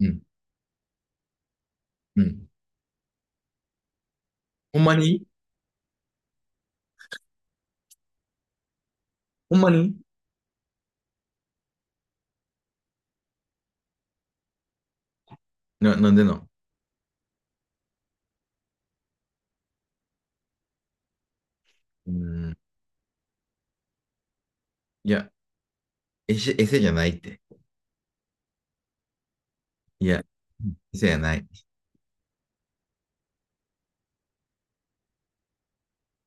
うん。うん。ほんまに。ほんまに。なんでなん？うーん。いや、エセ、エセじゃないって。いや、エセじゃない。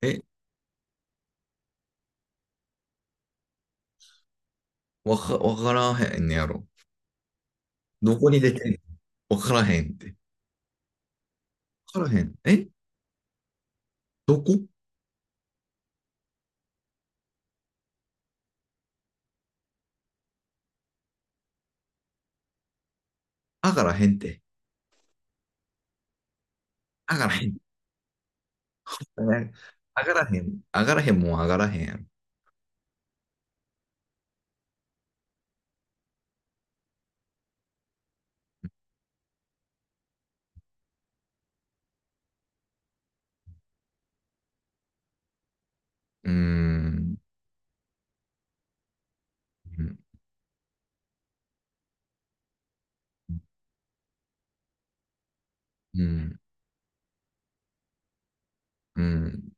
え、わからへんねやろ？どこに出てんの？わからへんって。わからへん。え、どこ？あからへんって。あからへん。あからへん。あからへんもん、あがらへんやろ。うーん。うん。うん。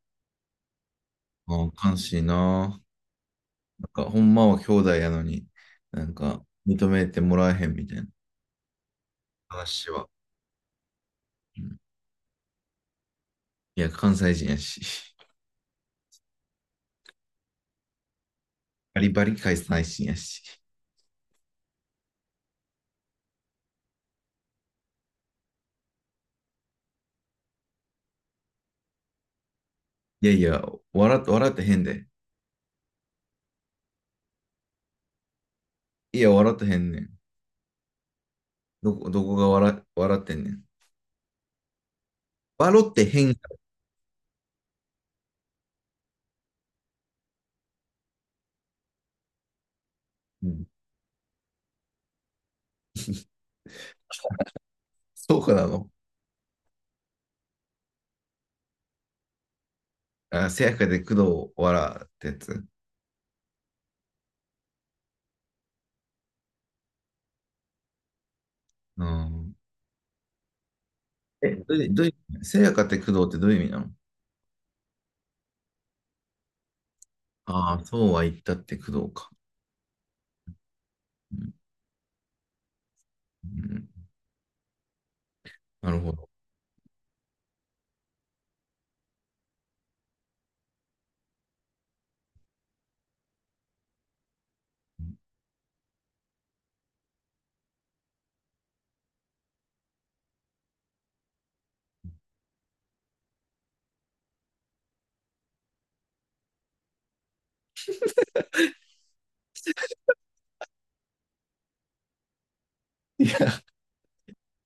ああ、悲しいな。なんか、ほんまは兄弟やのに、なんか、認めてもらえへんみたいな話は。いや、関西人やし。バリバリ関西人やし。いやいや、笑ってへんで。いや、笑ってへんねん。どこどこが笑ってんねん？笑ってへん。うん。 そうかなの。あ、せやかで工藤、笑ってやつ。うん。え、どういう、せやかって工藤ってどういう意味なの？ああ、そうは言ったって工藤か。うん。うん、なるほど。いや、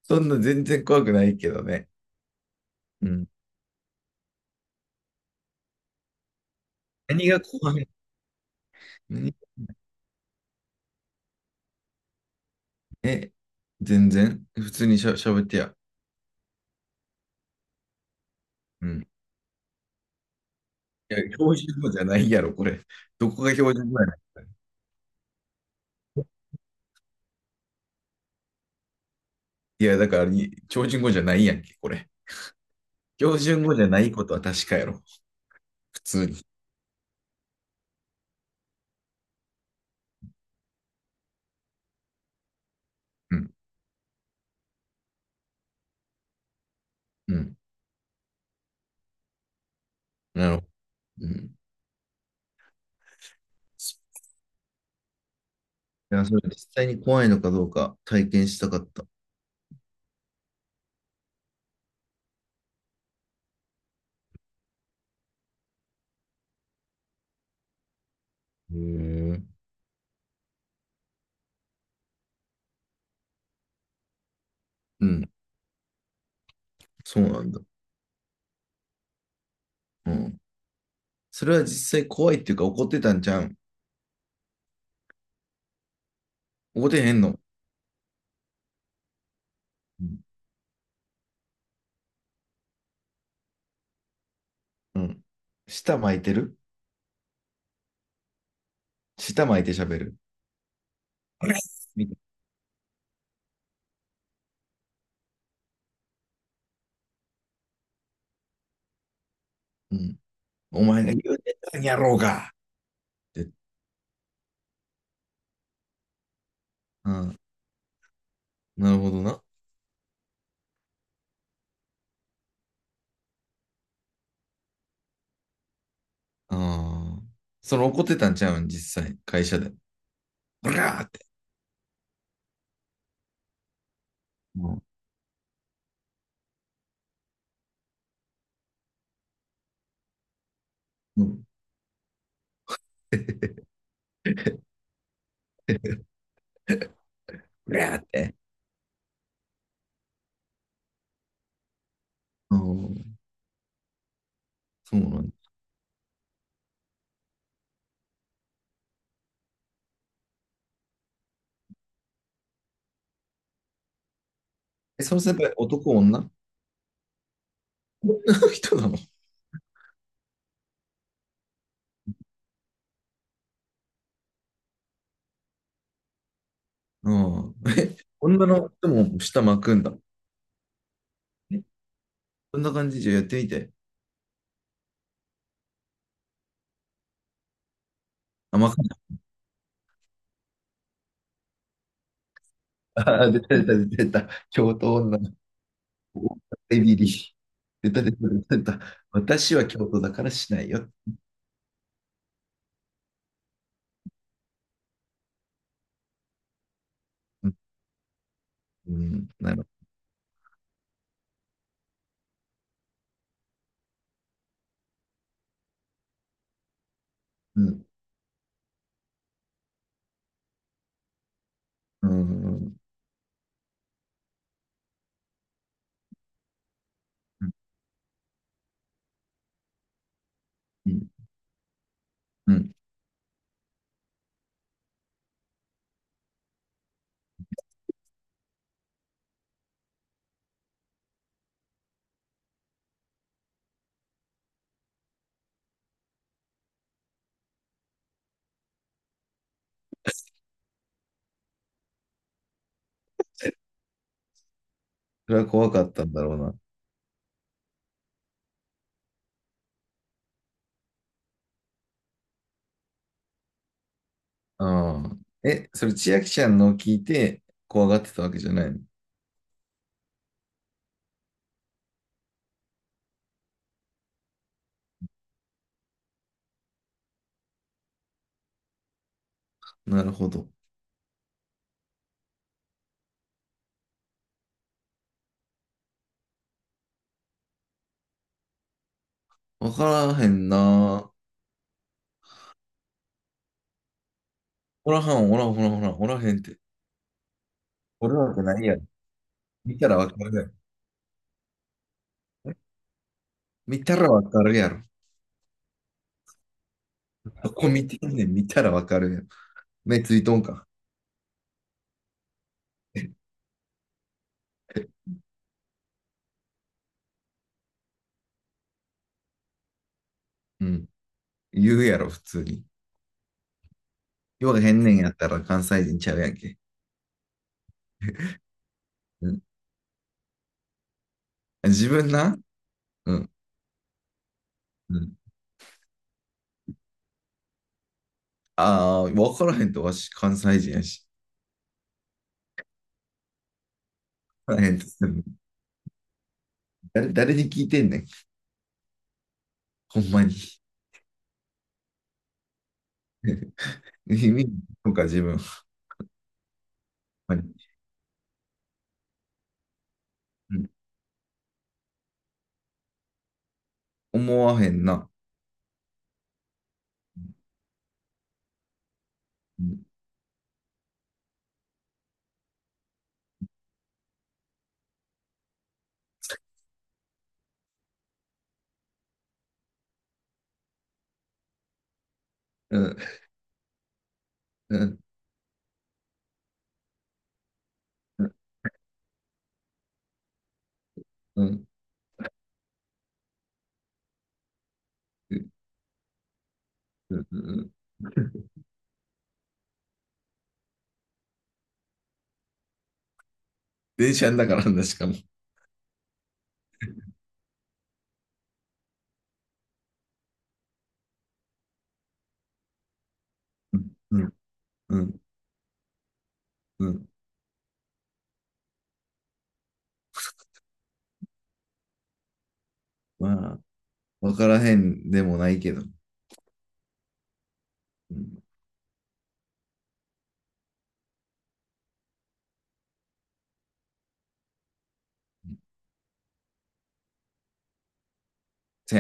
そんな全然怖くないけどね。うん。何が怖い？何が怖い？え、全然普通にしゃべってや。うん。いや、標準語じゃないやろ、これ。どこが標準語やねん。いや、だからに、標準語じゃないやんけ、これ。標準語じゃないことは確かやろ。普通に。うん。うん。なるほど。うん。いや、それ実際に怖いのかどうか体験したかった。へえ。うん。そうなんだ。うん。それは実際怖いっていうか怒ってたんじゃん。怒ってへんの？うん。うん。舌巻いてる？舌巻いて喋る。これみたいな。うん。お前が言うてたんやろうが。って。うん。なるほどな。ああ。それ怒ってたんちゃうん、実際、会社で。ブラーって。うん。うん。ブラーって。うん。そうなんだ。え、その先輩、男、女？女の人なの？うん。え、女の人も下巻くんだ。え、そんな感じじゃやってみて。あ、巻く。あー、出た出た出た出た。京都女の子。エビリ。出た出た出た出た。私は京都だからしないよ。うん。うん、なるほど。うん。うん。うん。うん。うん。それは怖かったんだろうな。うん。え、それ千秋ちゃんのを聞いて怖がってたわけじゃないの？なるほど。わからへんな。おらはん、おらん、おらん、おらん、おらへんって。おるわけないやろ。見たらわかるやろ。え、見たらわかるやろ。そこ見てんねん、見たらわかるやろ。目ついとんか。うん。言うやろ、普通に。ようへんねんやったら関西人ちゃうやんけ。うん。自分な。うん。うん。ああ、わからへんと、わし関西人やし。わからへんと。誰に聞いてんねん。ほんまに。意味とか自分、ほんまに。うん、思わへんな。うん。うん。うん。うん。うん。うん。うん。うん。電車んだからな、しかも。うん。うん。うん。うん。まあ、わからへんでもないけど。うん。せや。